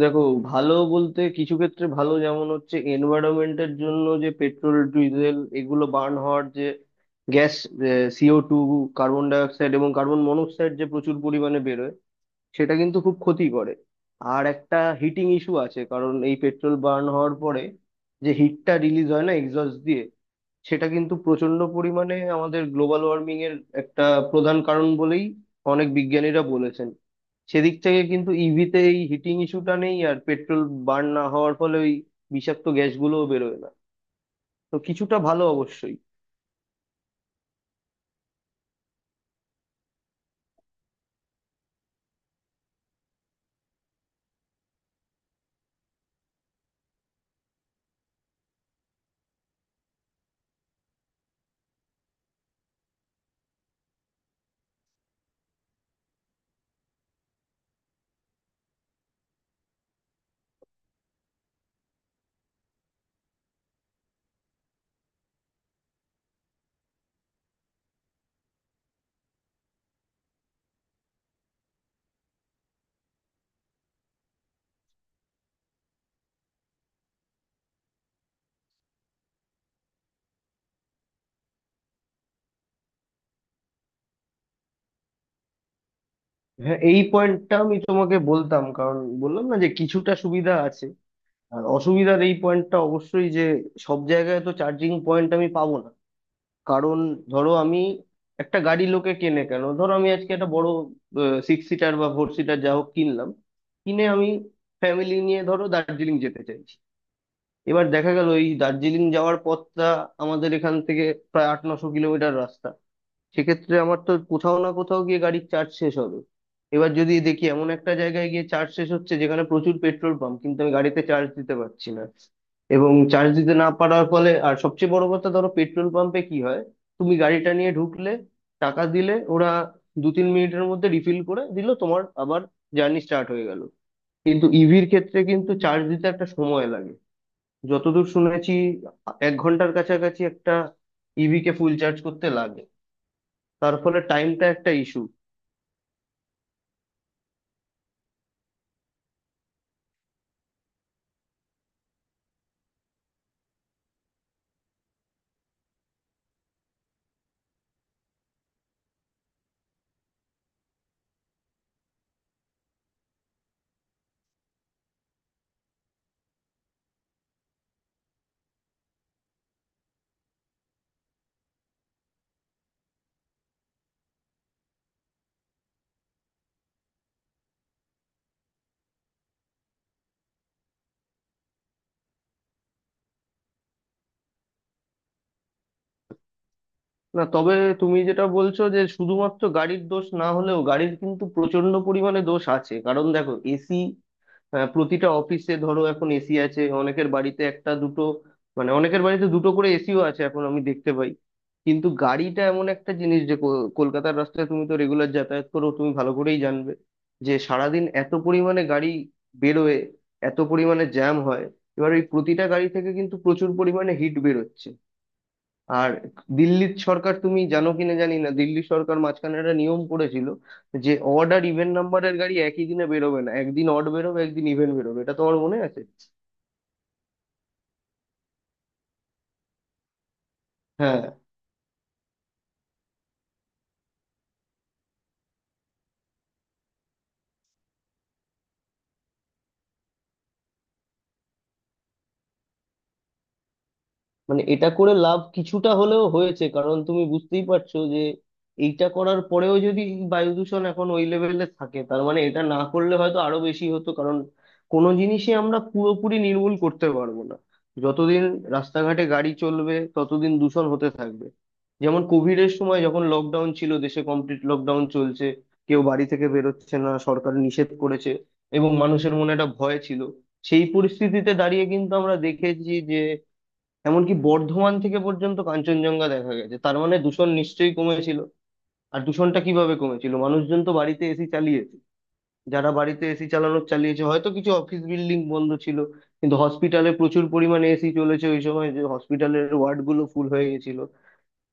দেখো, ভালো বলতে কিছু ক্ষেত্রে ভালো। যেমন হচ্ছে এনভায়রনমেন্টের জন্য, যে পেট্রোল ডিজেল এগুলো বার্ন হওয়ার যে গ্যাস, CO2, কার্বন ডাইঅক্সাইড এবং কার্বন মনোক্সাইড যে প্রচুর পরিমাণে বেরোয়, সেটা কিন্তু খুব ক্ষতি করে। আর একটা হিটিং ইস্যু আছে, কারণ এই পেট্রোল বার্ন হওয়ার পরে যে হিটটা রিলিজ হয় না এক্সস্ট দিয়ে, সেটা কিন্তু প্রচন্ড পরিমাণে আমাদের গ্লোবাল ওয়ার্মিং এর একটা প্রধান কারণ বলেই অনেক বিজ্ঞানীরা বলেছেন। সেদিক থেকে কিন্তু ইভিতে এই হিটিং ইস্যুটা নেই, আর পেট্রোল বার্ন না হওয়ার ফলে ওই বিষাক্ত গ্যাসগুলোও বেরোয় না। তো কিছুটা ভালো অবশ্যই। হ্যাঁ, এই পয়েন্টটা আমি তোমাকে বলতাম, কারণ বললাম না যে কিছুটা সুবিধা আছে। আর অসুবিধার এই পয়েন্টটা অবশ্যই, যে সব জায়গায় তো চার্জিং পয়েন্ট আমি পাবো না। কারণ ধরো, আমি একটা গাড়ি, লোকে কেনে কেন, ধরো আমি আজকে একটা বড় সিক্স সিটার বা ফোর সিটার যা হোক কিনলাম। কিনে আমি ফ্যামিলি নিয়ে ধরো দার্জিলিং যেতে চাই। এবার দেখা গেল এই দার্জিলিং যাওয়ার পথটা আমাদের এখান থেকে প্রায় 800-900 কিলোমিটার রাস্তা। সেক্ষেত্রে আমার তো কোথাও না কোথাও গিয়ে গাড়ির চার্জ শেষ হবে। এবার যদি দেখি এমন একটা জায়গায় গিয়ে চার্জ শেষ হচ্ছে, যেখানে প্রচুর পেট্রোল পাম্প, কিন্তু আমি গাড়িতে চার্জ দিতে পারছি না। এবং চার্জ দিতে না পারার ফলে, আর সবচেয়ে বড় কথা, ধরো পেট্রোল পাম্পে কি হয়, তুমি গাড়িটা নিয়ে ঢুকলে, টাকা দিলে, ওরা 2-3 মিনিটের মধ্যে রিফিল করে দিল, তোমার আবার জার্নি স্টার্ট হয়ে গেল। কিন্তু ইভির ক্ষেত্রে কিন্তু চার্জ দিতে একটা সময় লাগে। যতদূর শুনেছি, 1 ঘন্টার কাছাকাছি একটা ইভি কে ফুল চার্জ করতে লাগে। তার ফলে টাইমটা একটা ইস্যু। না, তবে তুমি যেটা বলছো যে শুধুমাত্র গাড়ির দোষ না, হলেও গাড়ির কিন্তু প্রচন্ড পরিমাণে দোষ আছে। কারণ দেখো, এসি প্রতিটা অফিসে ধরো এখন এসি আছে, অনেকের বাড়িতে একটা দুটো, মানে অনেকের বাড়িতে দুটো করে এসিও আছে এখন আমি দেখতে পাই। কিন্তু গাড়িটা এমন একটা জিনিস, যে কলকাতার রাস্তায় তুমি তো রেগুলার যাতায়াত করো, তুমি ভালো করেই জানবে যে সারাদিন এত পরিমাণে গাড়ি বেরোয়, এত পরিমাণে জ্যাম হয়। এবার এই প্রতিটা গাড়ি থেকে কিন্তু প্রচুর পরিমাণে হিট বেরোচ্ছে। আর দিল্লির সরকার, তুমি জানো কিনা জানি না, দিল্লি সরকার মাঝখানে একটা নিয়ম করেছিল যে অড আর ইভেন নাম্বারের গাড়ি একই দিনে বেরোবে না, একদিন অড বেরোবে একদিন ইভেন বেরোবে, এটা তোমার মনে আছে। মানে এটা করে লাভ কিছুটা হলেও হয়েছে, কারণ তুমি বুঝতেই পারছো যে এইটা করার পরেও যদি বায়ু দূষণ এখন ওই লেভেলে থাকে, তার মানে এটা না করলে হয়তো আরো বেশি হতো। কারণ কোনো জিনিসই আমরা পুরোপুরি নির্মূল করতে পারবো না। যতদিন রাস্তাঘাটে গাড়ি চলবে, ততদিন দূষণ হতে থাকবে। যেমন কোভিড এর সময় যখন লকডাউন ছিল, দেশে কমপ্লিট লকডাউন চলছে, কেউ বাড়ি থেকে বেরোচ্ছে না, সরকার নিষেধ করেছে, এবং মানুষের মনে একটা ভয় ছিল, সেই পরিস্থিতিতে দাঁড়িয়ে কিন্তু আমরা দেখেছি, এমনকি বর্ধমান থেকে পর্যন্ত কাঞ্চনজঙ্ঘা দেখা গেছে। তার মানে দূষণ নিশ্চয়ই কমেছিল। আর দূষণটা কিভাবে কমেছিল, মানুষজন তো বাড়িতে এসি চালিয়েছে, যারা বাড়িতে এসি চালিয়েছে, হয়তো কিছু অফিস বিল্ডিং বন্ধ ছিল, কিন্তু হসপিটালে প্রচুর পরিমাণে এসি চলেছে ওই সময়, যে হসপিটালের ওয়ার্ড গুলো ফুল হয়ে গেছিল।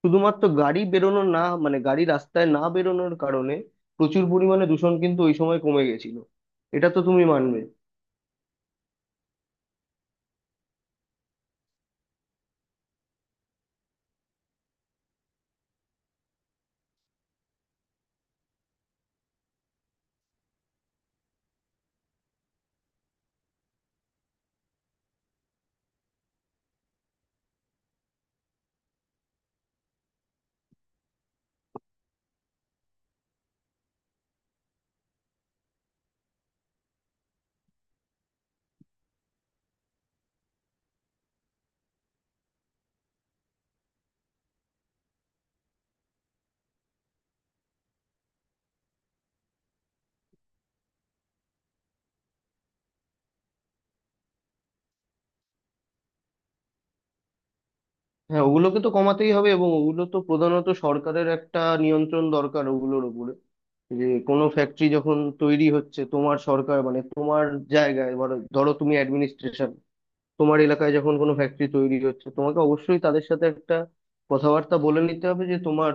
শুধুমাত্র গাড়ি বেরোনো না, মানে গাড়ি রাস্তায় না বেরোনোর কারণে প্রচুর পরিমাণে দূষণ কিন্তু ওই সময় কমে গেছিল। এটা তো তুমি মানবে। হ্যাঁ, ওগুলোকে তো কমাতেই হবে, এবং ওগুলো তো প্রধানত সরকারের একটা নিয়ন্ত্রণ দরকার ওগুলোর উপরে। যে কোনো ফ্যাক্টরি যখন তৈরি হচ্ছে, তোমার সরকার, মানে তোমার জায়গায় ধরো ধরো তুমি অ্যাডমিনিস্ট্রেশন, তোমার এলাকায় যখন কোনো ফ্যাক্টরি তৈরি হচ্ছে, তোমাকে অবশ্যই তাদের সাথে একটা কথাবার্তা বলে নিতে হবে যে তোমার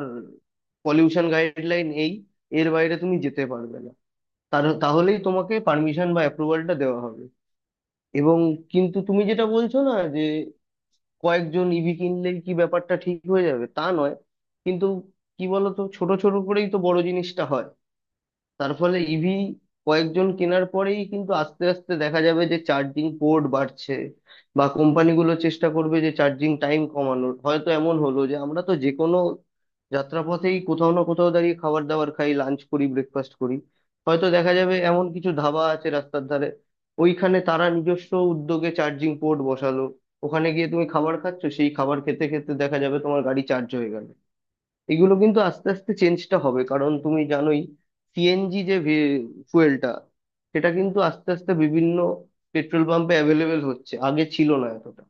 পলিউশন গাইডলাইন, এই এর বাইরে তুমি যেতে পারবে না, তার তাহলেই তোমাকে পারমিশন বা অ্যাপ্রুভালটা দেওয়া হবে। এবং কিন্তু তুমি যেটা বলছো না, যে কয়েকজন ইভি কিনলেই কি ব্যাপারটা ঠিক হয়ে যাবে, তা নয়। কিন্তু কি বলতো, ছোট ছোট করেই তো বড় জিনিসটা হয়। তার ফলে ইভি কয়েকজন কেনার পরেই কিন্তু আস্তে আস্তে দেখা যাবে যে চার্জিং পোর্ট বাড়ছে, বা কোম্পানিগুলো চেষ্টা করবে যে চার্জিং টাইম কমানোর। হয়তো এমন হলো যে আমরা তো যে কোনো যাত্রাপথেই কোথাও না কোথাও দাঁড়িয়ে খাবার দাবার খাই, লাঞ্চ করি, ব্রেকফাস্ট করি, হয়তো দেখা যাবে এমন কিছু ধাবা আছে রাস্তার ধারে, ওইখানে তারা নিজস্ব উদ্যোগে চার্জিং পোর্ট বসালো, ওখানে গিয়ে তুমি খাবার খাচ্ছ, সেই খাবার খেতে খেতে দেখা যাবে তোমার গাড়ি চার্জ হয়ে গেল। এগুলো কিন্তু আস্তে আস্তে চেঞ্জটা হবে। কারণ তুমি জানোই, CNG যে ফুয়েলটা, সেটা কিন্তু আস্তে আস্তে বিভিন্ন পেট্রোল পাম্পে অ্যাভেলেবেল হচ্ছে, আগে ছিল না এতটা।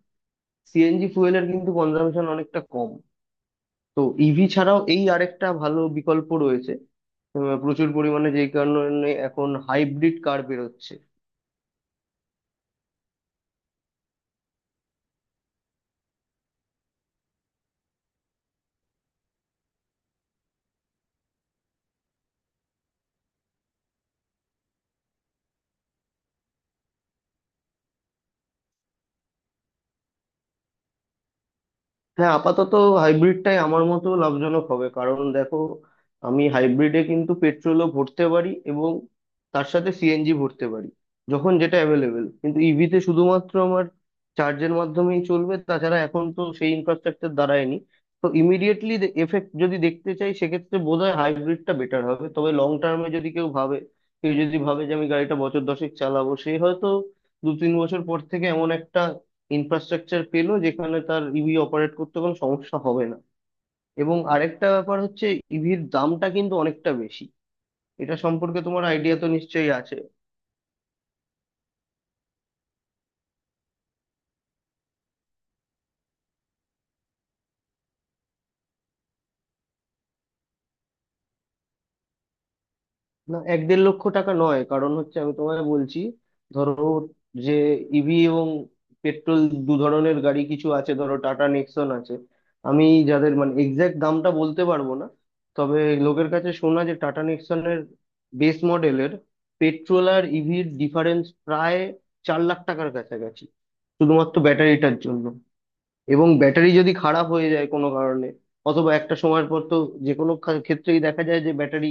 CNG ফুয়েলের কিন্তু কনজাম্পশন অনেকটা কম। তো ইভি ছাড়াও এই আরেকটা ভালো বিকল্প রয়েছে। প্রচুর পরিমাণে যেই কারণে এখন হাইব্রিড কার বেরোচ্ছে। হ্যাঁ, আপাতত হাইব্রিডটাই আমার মতো লাভজনক হবে। কারণ দেখো, আমি হাইব্রিডে কিন্তু পেট্রোলও ভরতে পারি, এবং তার সাথে CNG ভরতে পারি যখন যেটা অ্যাভেলেবেল। কিন্তু ইভিতে শুধুমাত্র আমার চার্জের মাধ্যমেই চলবে, তাছাড়া এখন তো সেই ইনফ্রাস্ট্রাকচার দাঁড়ায়নি। তো ইমিডিয়েটলি এফেক্ট যদি দেখতে চাই, সেক্ষেত্রে বোধহয় হাইব্রিডটা বেটার হবে। তবে লং টার্মে যদি কেউ ভাবে, কেউ যদি ভাবে যে আমি গাড়িটা বছর 10-এক চালাবো, সে হয়তো 2-3 বছর পর থেকে এমন একটা ইনফ্রাস্ট্রাকচার পেলো, যেখানে তার ইভি অপারেট করতে কোনো সমস্যা হবে না। এবং আরেকটা ব্যাপার হচ্ছে, ইভির দামটা কিন্তু অনেকটা বেশি, এটা সম্পর্কে তোমার আইডিয়া তো নিশ্চয়ই আছে। না, 1-1.5 লক্ষ টাকা নয়। কারণ হচ্ছে, আমি তোমায় বলছি, ধরো যে ইভি এবং পেট্রোল দু ধরনের গাড়ি কিছু আছে, ধরো টাটা নেক্সন আছে, আমি যাদের মানে এক্স্যাক্ট দামটা বলতে পারবো না, তবে লোকের কাছে শোনা, যে টাটা নেক্সনের বেস মডেলের পেট্রোল আর ইভির ডিফারেন্স প্রায় 4 লাখ টাকার কাছাকাছি, শুধুমাত্র ব্যাটারিটার জন্য। এবং ব্যাটারি যদি খারাপ হয়ে যায় কোনো কারণে, অথবা একটা সময়ের পর তো যে কোনো ক্ষেত্রেই দেখা যায় যে ব্যাটারি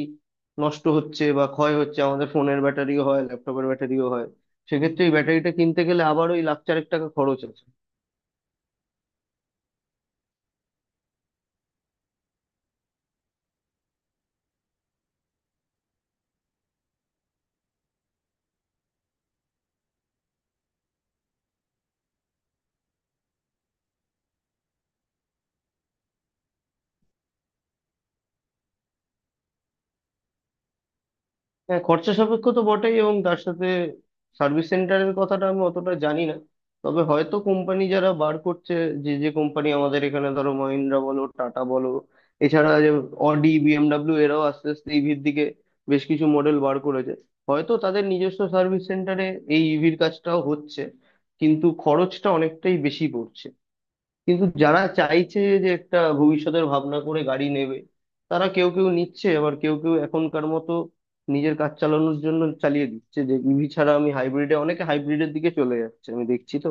নষ্ট হচ্ছে বা ক্ষয় হচ্ছে, আমাদের ফোনের ব্যাটারিও হয়, ল্যাপটপের ব্যাটারিও হয়। সেক্ষেত্রে এই ব্যাটারিটা কিনতে গেলে আবার ওই 4 লাখ মতো টাকা খরচ আছে। হ্যাঁ, খরচা সাপেক্ষ তো বটেই, এবং তার সাথে সার্ভিস সেন্টারের কথাটা আমি অতটা জানি না। তবে হয়তো কোম্পানি যারা বার করছে, যে যে কোম্পানি আমাদের এখানে, ধরো মহিন্দ্রা বলো, টাটা বলো, এছাড়া যে অডি, BMW, এরাও আস্তে আস্তে ইভির দিকে বেশ কিছু মডেল বার করেছে, হয়তো তাদের নিজস্ব সার্ভিস সেন্টারে এই ইভির কাজটাও হচ্ছে, কিন্তু খরচটা অনেকটাই বেশি পড়ছে। কিন্তু যারা চাইছে যে একটা ভবিষ্যতের ভাবনা করে গাড়ি নেবে, তারা কেউ কেউ নিচ্ছে, আবার কেউ কেউ এখনকার মতো নিজের কাজ চালানোর জন্য চালিয়ে দিচ্ছে, যে ইভি ছাড়া আমি হাইব্রিডে, অনেকে হাইব্রিডের দিকে চলে যাচ্ছে, আমি দেখছি তো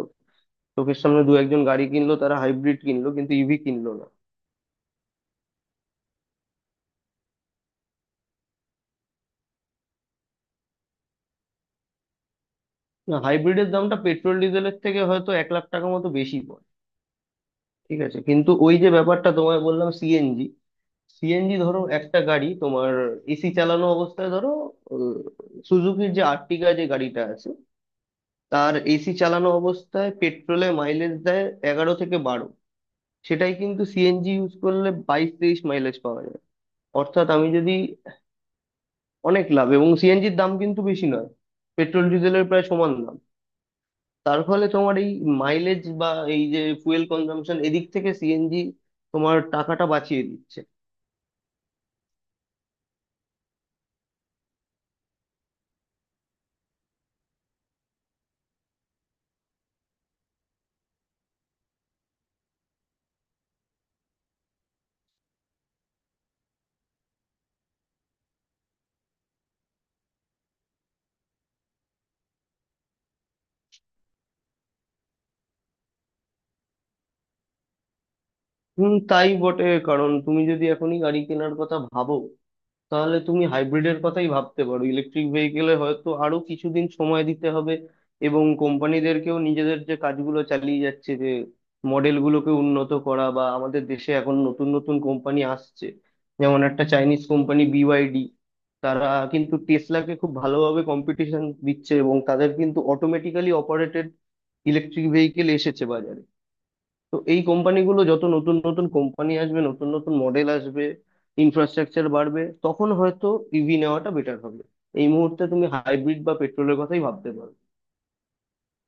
চোখের সামনে 1-2 জন গাড়ি কিনলো, তারা হাইব্রিড কিনলো কিন্তু ইভি কিনলো না। না, হাইব্রিডের দামটা পেট্রোল ডিজেলের থেকে হয়তো 1 লাখ টাকা মতো বেশি পড়ে, ঠিক আছে। কিন্তু ওই যে ব্যাপারটা তোমায় বললাম, CNG। CNG ধরো একটা গাড়ি তোমার, এসি চালানো অবস্থায় ধরো, সুজুকির যে আর্টিগা যে গাড়িটা আছে, তার এসি চালানো অবস্থায় পেট্রোলে মাইলেজ দেয় 11 থেকে 12। সেটাই কিন্তু CNG ইউজ করলে 22-23 মাইলেজ পাওয়া যায়। অর্থাৎ আমি যদি, অনেক লাভ, এবং CNG-র দাম কিন্তু বেশি নয়, পেট্রোল ডিজেলের প্রায় সমান দাম। তার ফলে তোমার এই মাইলেজ বা এই যে ফুয়েল কনজাম্পশন, এদিক থেকে CNG তোমার টাকাটা বাঁচিয়ে দিচ্ছে। হুম, তাই বটে। কারণ তুমি যদি এখনই গাড়ি কেনার কথা ভাবো, তাহলে তুমি হাইব্রিডের কথাই ভাবতে পারো, ইলেকট্রিক ভেহিকেলে হয়তো আরো কিছুদিন সময় দিতে হবে। এবং কোম্পানিদেরকেও নিজেদের যে কাজগুলো চালিয়ে যাচ্ছে, যে মডেলগুলোকে উন্নত করা, বা আমাদের দেশে এখন নতুন নতুন কোম্পানি আসছে, যেমন একটা চাইনিজ কোম্পানি BYD, তারা কিন্তু টেসলাকে খুব ভালোভাবে কম্পিটিশন দিচ্ছে, এবং তাদের কিন্তু অটোমেটিক্যালি অপারেটেড ইলেকট্রিক ভেহিকেল এসেছে বাজারে। তো এই কোম্পানিগুলো, যত নতুন নতুন কোম্পানি আসবে, নতুন নতুন মডেল আসবে, ইনফ্রাস্ট্রাকচার বাড়বে, তখন হয়তো ইভি নেওয়াটা বেটার হবে। এই মুহূর্তে তুমি হাইব্রিড বা পেট্রোলের কথাই ভাবতে পারো।